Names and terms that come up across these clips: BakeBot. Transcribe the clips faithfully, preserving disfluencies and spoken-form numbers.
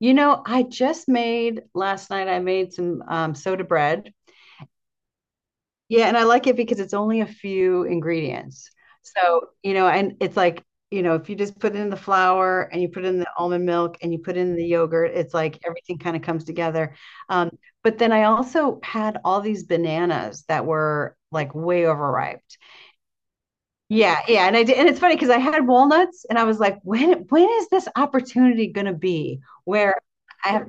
You know, I just made last night, I made some um, soda bread. Yeah, and I like it because it's only a few ingredients. So, you know, and it's like, you know, if you just put in the flour and you put in the almond milk and you put in the yogurt, it's like everything kind of comes together. Um, but then I also had all these bananas that were like way overripe. Yeah, yeah, and I did, and it's funny because I had walnuts, and I was like, when when is this opportunity going to be where I have.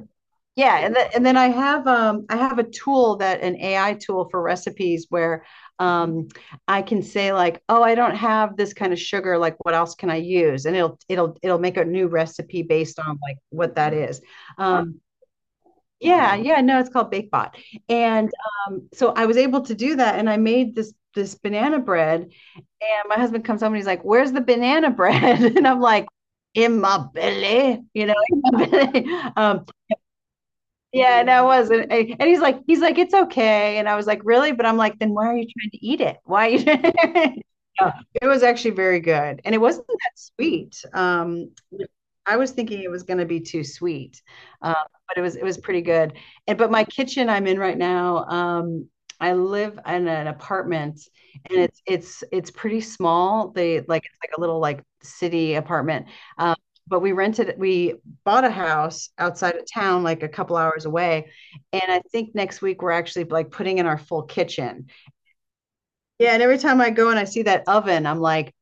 Yeah, and then and then I have um I have a tool that an A I tool for recipes where um I can say like, "Oh, I don't have this kind of sugar, like what else can I use?" And it'll it'll it'll make a new recipe based on like what that is. Um yeah, yeah, no, it's called BakeBot. And um so I was able to do that and I made this this banana bread and my husband comes home and he's like, "Where's the banana bread?" And I'm like, in my belly, you know, in my belly. Um, yeah, no, it wasn't. I- And he's like, he's like, it's okay. And I was like, really? But I'm like, then why are you trying to eat it? Why are you? It was actually very good. And it wasn't that sweet. Um, I was thinking it was going to be too sweet, uh, but it was it was pretty good. And but my kitchen I'm in right now, um, I live in an apartment and it's it's it's pretty small. They like it's like a little like city apartment. Um, but we rented we bought a house outside of town like a couple hours away, and I think next week we're actually like putting in our full kitchen. Yeah, and every time I go and I see that oven, I'm like,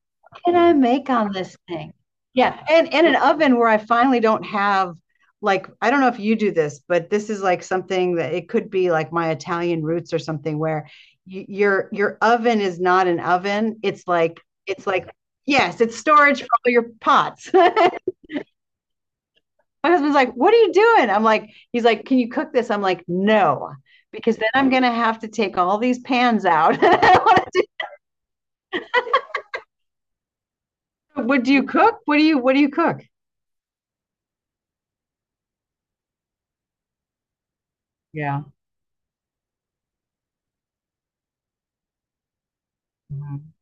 can I make on this thing? Yeah, and in an oven where I finally don't have, like, I don't know if you do this, but this is like something that it could be like my Italian roots or something where y- your your oven is not an oven. It's like it's like yes, it's storage for all your pots. My husband's like, "What are you doing?" I'm like, he's like, "Can you cook this?" I'm like, "No." Because then I'm gonna have to take all these pans out. I don't wanna do- what do you cook? What do you what do you cook? Yeah. Mhm.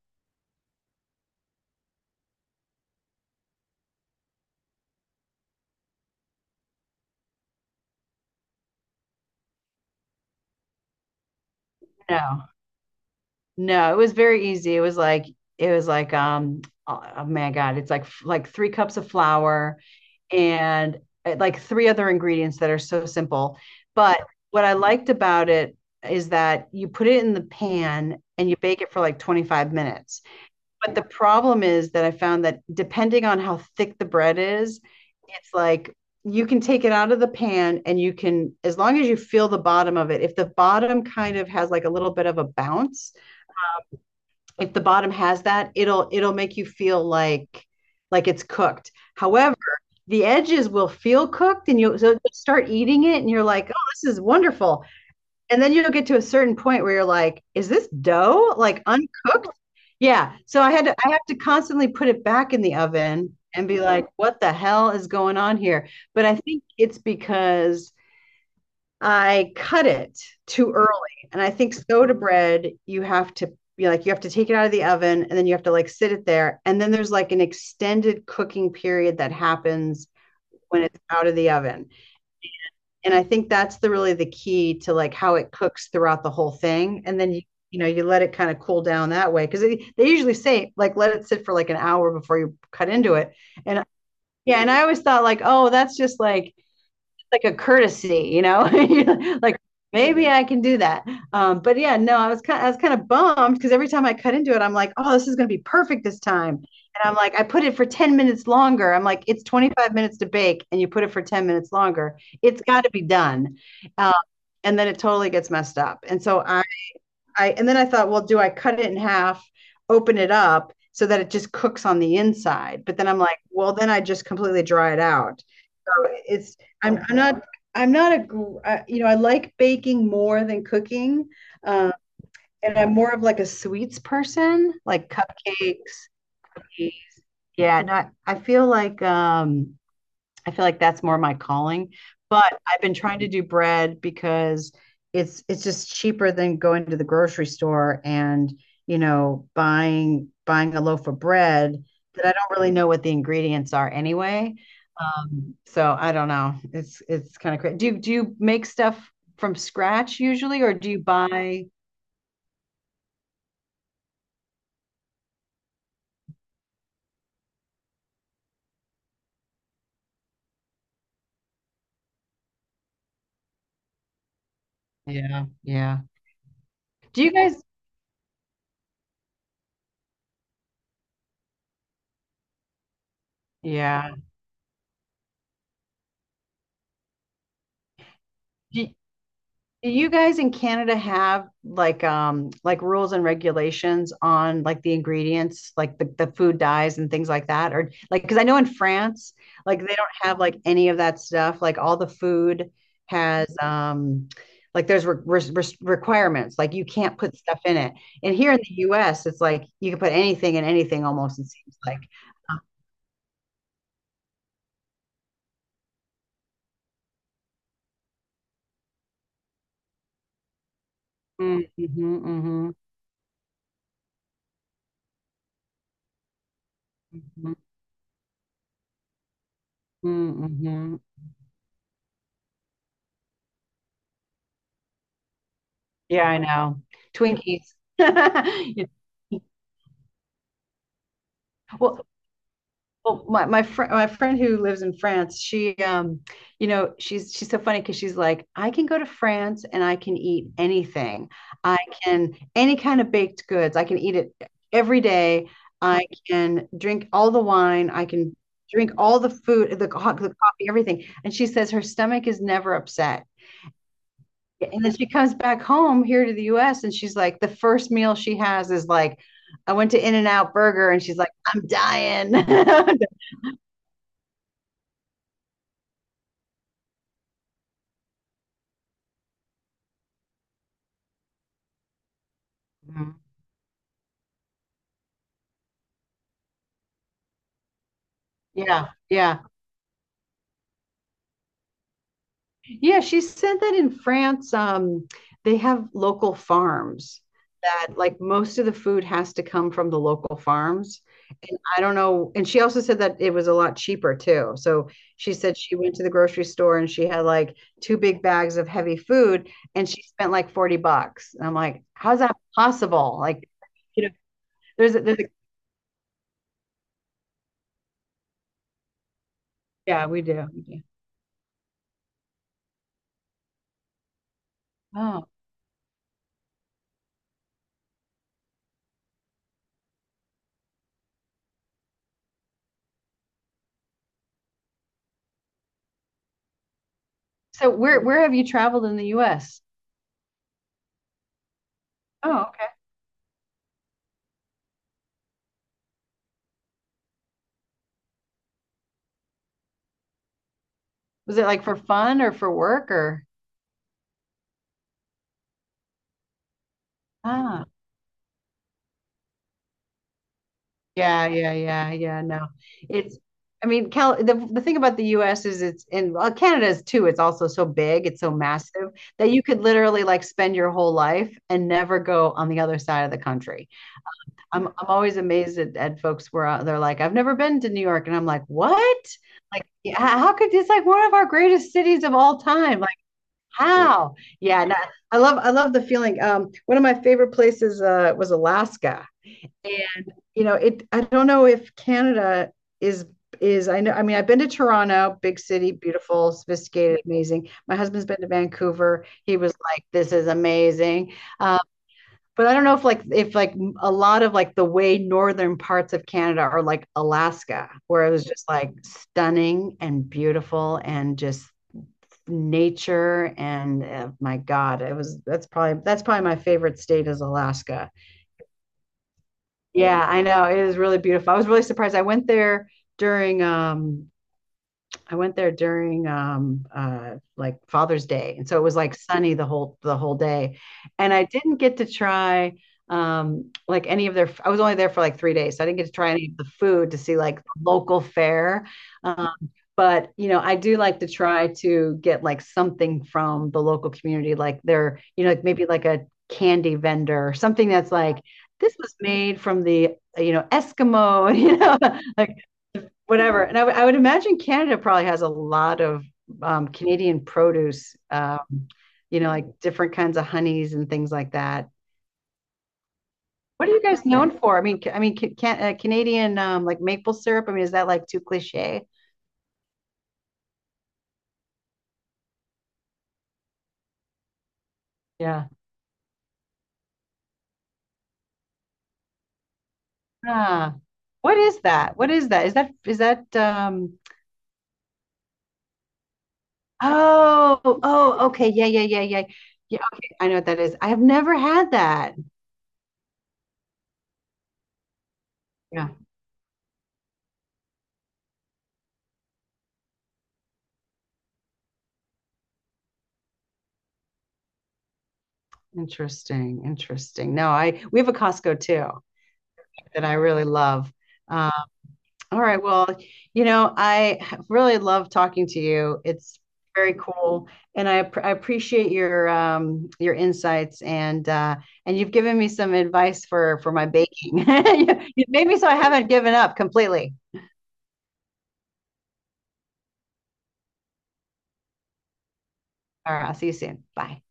No, No, it was very easy. It was like it was like um oh, oh my God, it's like like three cups of flour and uh, like three other ingredients that are so simple. But what I liked about it is that you put it in the pan and you bake it for like twenty-five minutes. But the problem is that I found that depending on how thick the bread is, it's like you can take it out of the pan and you can, as long as you feel the bottom of it, if the bottom kind of has like a little bit of a bounce, if the bottom has that, it'll it'll make you feel like like it's cooked. However, the edges will feel cooked and you so start eating it and you're like, "Oh, this is wonderful." And then you'll get to a certain point where you're like, "Is this dough like uncooked?" Yeah. So I had to, I have to constantly put it back in the oven and be like, "What the hell is going on here?" But I think it's because I cut it too early. And I think soda bread, you have to, you like you have to take it out of the oven and then you have to like sit it there. And then there's like an extended cooking period that happens when it's out of the oven. And I think that's the really the key to like how it cooks throughout the whole thing. And then you you know, you let it kind of cool down that way because they, they usually say like let it sit for like an hour before you cut into it. And yeah, and I always thought like, oh, that's just like like a courtesy, you know, like maybe I can do that. Um, but yeah, no, I was kind, of, I was kind of bummed because every time I cut into it, I'm like, oh, this is gonna be perfect this time. And I'm like, I put it for ten minutes longer. I'm like, it's twenty-five minutes to bake, and you put it for ten minutes longer. It's got to be done. Um, and then it totally gets messed up. And so I, I, and then I thought, well, do I cut it in half, open it up so that it just cooks on the inside? But then I'm like, well, then I just completely dry it out. It's, I'm, I'm not I'm not a uh, you know, I like baking more than cooking, uh, and I'm more of like a sweets person, like cupcakes. Yeah, no, I, I feel like um, I feel like that's more my calling. But I've been trying to do bread because it's it's just cheaper than going to the grocery store and you know buying buying a loaf of bread that I don't really know what the ingredients are anyway. So I don't know. It's it's kind of crazy. Do you do you make stuff from scratch usually, or do you buy? Yeah, yeah. Do you guys? Yeah. Do, Do you guys in Canada have like um like rules and regulations on like the ingredients, like the, the food dyes and things like that? Or like because I know in France, like they don't have like any of that stuff. Like all the food has um like there's re re requirements. Like you can't put stuff in it. And here in the U S, it's like you can put anything in anything almost, it seems like. Mm, mhm, mhm, mhm, mhm, mhm. Yeah, I know. Twinkies. Well, well, my my friend my friend who lives in France, she um, you know, she's she's so funny because she's like, I can go to France and I can eat anything. I can any kind of baked goods. I can eat it every day. I can drink all the wine. I can drink all the food, the, co- the coffee, everything. And she says her stomach is never upset. And then she comes back home here to the U S and she's like, the first meal she has is like, I went to In-N-Out Burger and she's like, I'm dying. Yeah, yeah. Yeah, she said that in France, um, they have local farms that like most of the food has to come from the local farms. And I don't know. And she also said that it was a lot cheaper too. So she said she went to the grocery store and she had like two big bags of heavy food and she spent like forty bucks. And I'm like, how's that possible? Like, you know, there's a, there's a, yeah, we do. We do. Oh, so where, where have you traveled in the U S? Oh, was it like for fun or for work or? Ah, yeah, yeah, yeah, yeah. No, it's. I mean, Cal. The the thing about the U S is it's in, well, Canada is too. It's also so big. It's so massive that you could literally like spend your whole life and never go on the other side of the country. I'm I'm always amazed at, at folks where uh, they're like, I've never been to New York, and I'm like, what? Like, yeah, how could, it's like one of our greatest cities of all time. Like, how? Yeah, and I I love I love the feeling. Um, one of my favorite places uh, was Alaska. And you know, it I don't know if Canada is is I know, I mean I've been to Toronto, big city, beautiful, sophisticated, amazing. My husband's been to Vancouver. He was like, "This is amazing." Uh, but I don't know if like if like a lot of like the way northern parts of Canada are like Alaska, where it was just like stunning and beautiful and just nature and uh, my god, it was, that's probably that's probably my favorite state is Alaska. Yeah, I know it is really beautiful. I was really surprised. I went there during um I went there during um uh like Father's Day. And so it was like sunny the whole the whole day. And I didn't get to try um like any of their, I was only there for like three days. So I didn't get to try any of the food to see like local fare. Um but you know, I do like to try to get like something from the local community like their, you know, like maybe like a candy vendor or something that's like this was made from the, you know, Eskimo, you know, like whatever. And I would- would imagine Canada probably has a lot of um, Canadian produce, um, you know, like different kinds of honeys and things like that. What are you guys known for? I mean, ca- I mean, ca- can, uh, Canadian um, like maple syrup. I mean, is that like too cliche? Yeah. Ah, what is that? What is that? Is that is that? Um, oh, oh, okay, yeah, yeah, yeah, yeah, yeah. Okay, I know what that is. I have never had that. Yeah, interesting, interesting. No, I we have a Costco too that I really love. Um, all right. Well, you know, I really love talking to you. It's very cool, and I, I appreciate your um, your insights and uh, and you've given me some advice for for my baking. You made me so I haven't given up completely. All right. I'll see you soon. Bye.